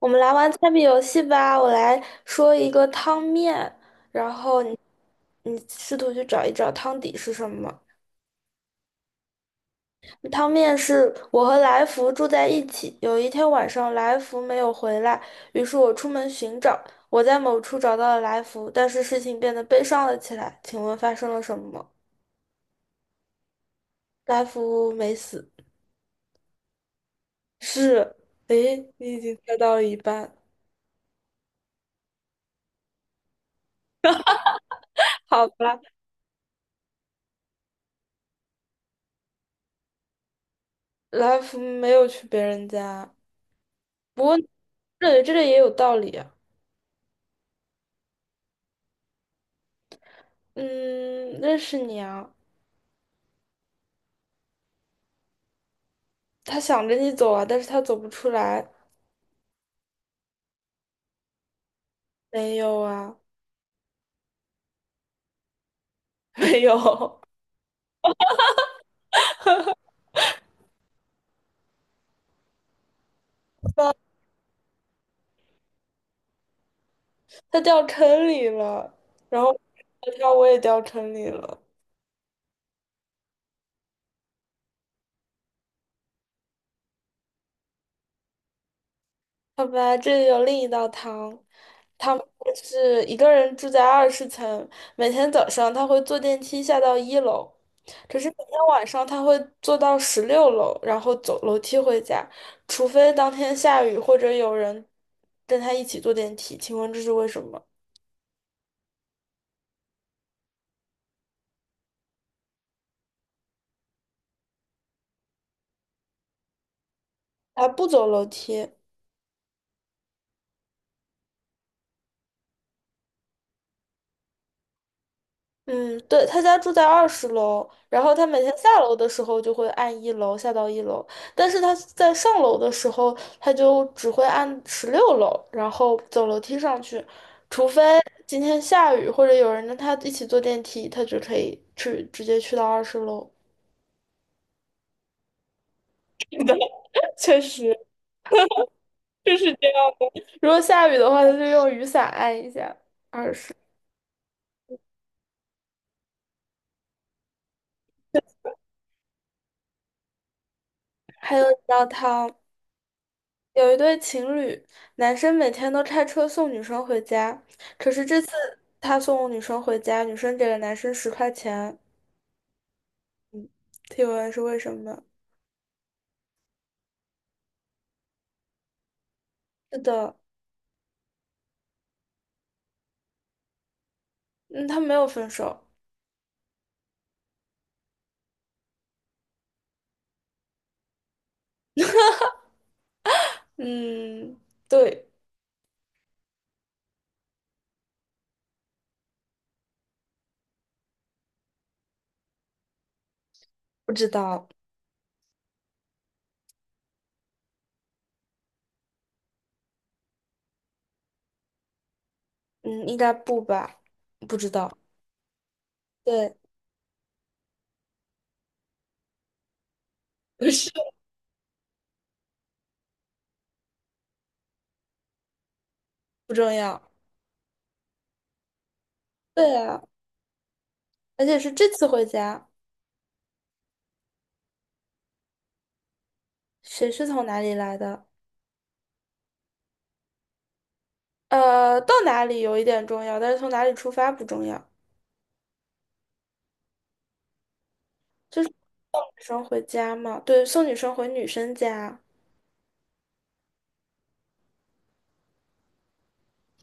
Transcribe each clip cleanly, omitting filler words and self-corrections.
我们来玩猜谜游戏吧，我来说一个汤面，嗯你试图去找一找汤底是什么。汤面是我和来福住在一起，有一天晚上来福没有回来，于是我出门寻找，我在某处找到了来福，但是事情变得悲伤了起来。请问发生了什么？来福没死，是，诶，你已经猜到了一半，好吧，来福没有去别人家，不过对，这个也有道理啊。嗯，认识你啊，他想着你走啊，但是他走不出来。没有啊，没有，他掉坑里了，然后我也掉坑里了。好吧，这里有另一道汤，他们是一个人住在20层，每天早上他会坐电梯下到一楼，可是每天晚上他会坐到十六楼，然后走楼梯回家，除非当天下雨或者有人跟他一起坐电梯。请问这是为什么？他不走楼梯。嗯，对，他家住在二十楼，然后他每天下楼的时候就会按一楼下到一楼，但是他在上楼的时候，他就只会按十六楼，然后走楼梯上去，除非今天下雨或者有人跟他一起坐电梯，他就可以去直接去到二十楼。是的，确实就是这样。如果下雨的话，他就用雨伞按一下二十。还有一道汤。有一对情侣，男生每天都开车送女生回家，可是这次他送女生回家，女生给了男生十块钱，提问是为什么？是的，嗯，他没有分手，嗯，对，不知道，嗯，应该不吧，不知道，对，不是，不重要，对啊，而且是这次回家，谁是从哪里来的？到哪里有一点重要，但是从哪里出发不重要。女生回家嘛，对，送女生回女生家。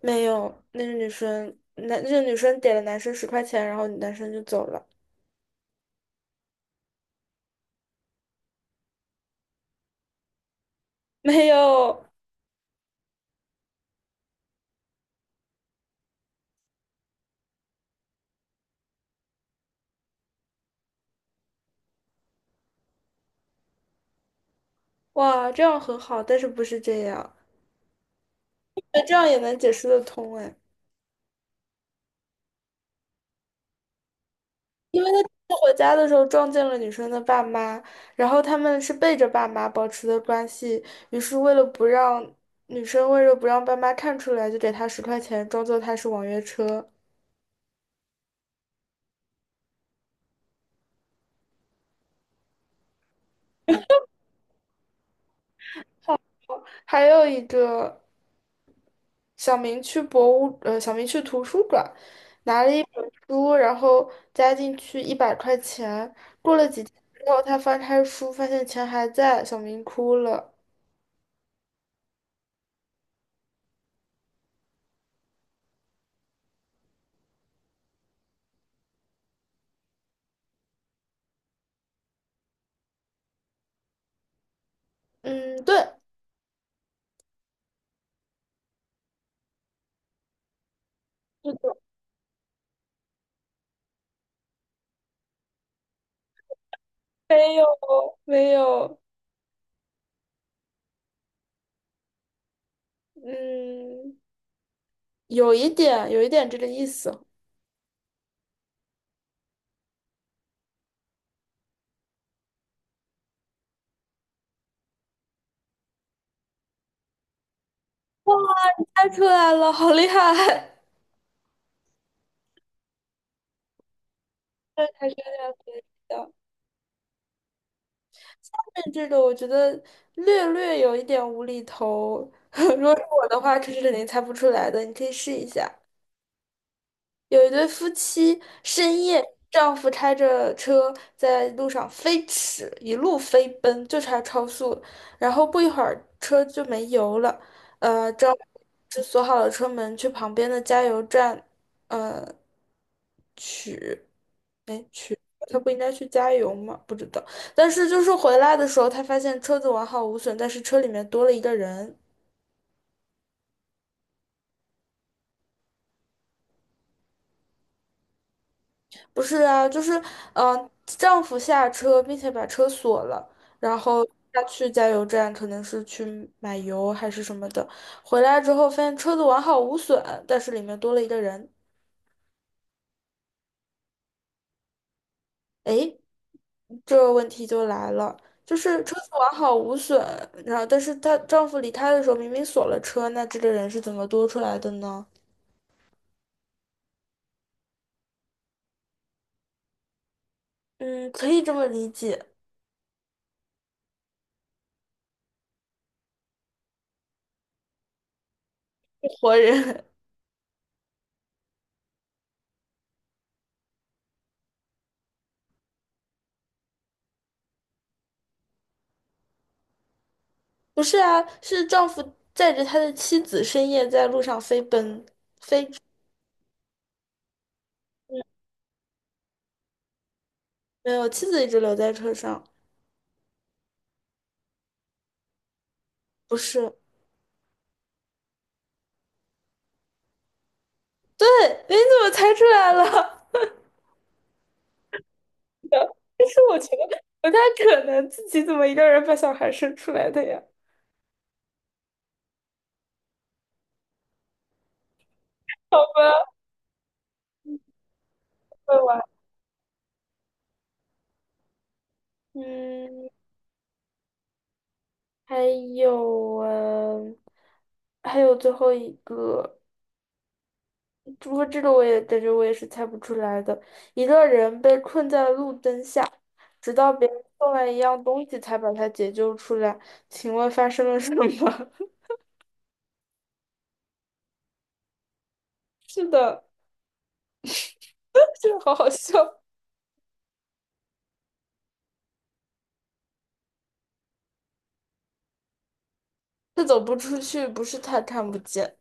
没有，那个女生，男，那个女生给了男生十块钱，然后男生就走了。没有，哇，这样很好，但是不是这样？那这样也能解释得通哎，因为他回家的时候撞见了女生的爸妈，然后他们是背着爸妈保持的关系，于是为了不让女生为了不让爸妈看出来，就给他十块钱，装作他是网约车。还有一个。小明去图书馆，拿了一本书，然后加进去100块钱。过了几天之后，他翻开书，发现钱还在，小明哭了。嗯，对，没有，没有，嗯，有一点，有一点这个意思。猜出来了，好厉害！对，还是的。后面这个我觉得略略有一点无厘头。如果是我的话，这是肯定猜不出来的，你可以试一下。有一对夫妻深夜，丈夫开着车在路上飞驰，一路飞奔，就差超速了然后不一会儿车就没油了，丈夫就锁好了车门，去旁边的加油站，呃，他不应该去加油吗？不知道。但是就是回来的时候，他发现车子完好无损，但是车里面多了一个人。不是啊，就是丈夫下车并且把车锁了，然后他去加油站，可能是去买油还是什么的，回来之后发现车子完好无损，但是里面多了一个人。诶，这个问题就来了，就是车子完好无损，然后但是她丈夫离开的时候明明锁了车，那这个人是怎么多出来的呢？嗯，可以这么理解，活人。不是啊，是丈夫载着他的妻子深夜在路上飞奔。没有，妻子一直留在车上。不是，对，哎你怎么猜出来了？但是我觉得不太可能自己怎么一个人把小孩生出来的呀？好会玩。嗯，还有嗯，还有最后一个，不过这个我也感觉我也是猜不出来的。一个人被困在路灯下，直到别人送来一样东西才把他解救出来。请问发生了什么？是的，这个好好笑。他走不出去，不是他看不见，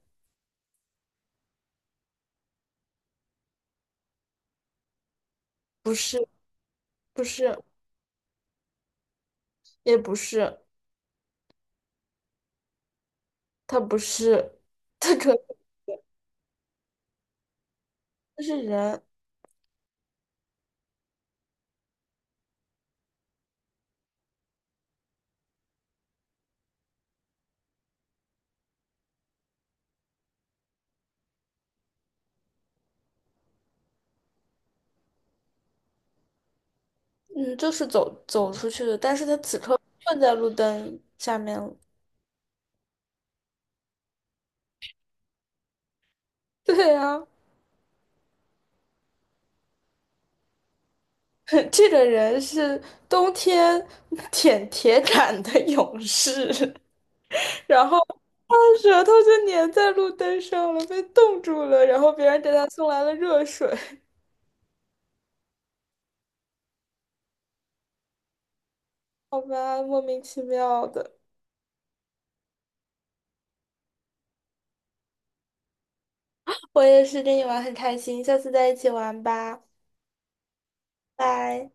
不是，不是，也不是，他不是，他可能就是人，嗯，就是走出去的，但是他此刻困在路灯下面了。对啊，这个人是冬天舔铁杆的勇士，然后他的舌头就粘在路灯上了，被冻住了，然后别人给他送来了热水，好吧，莫名其妙的。我也是跟你玩很开心，下次再一起玩吧，拜。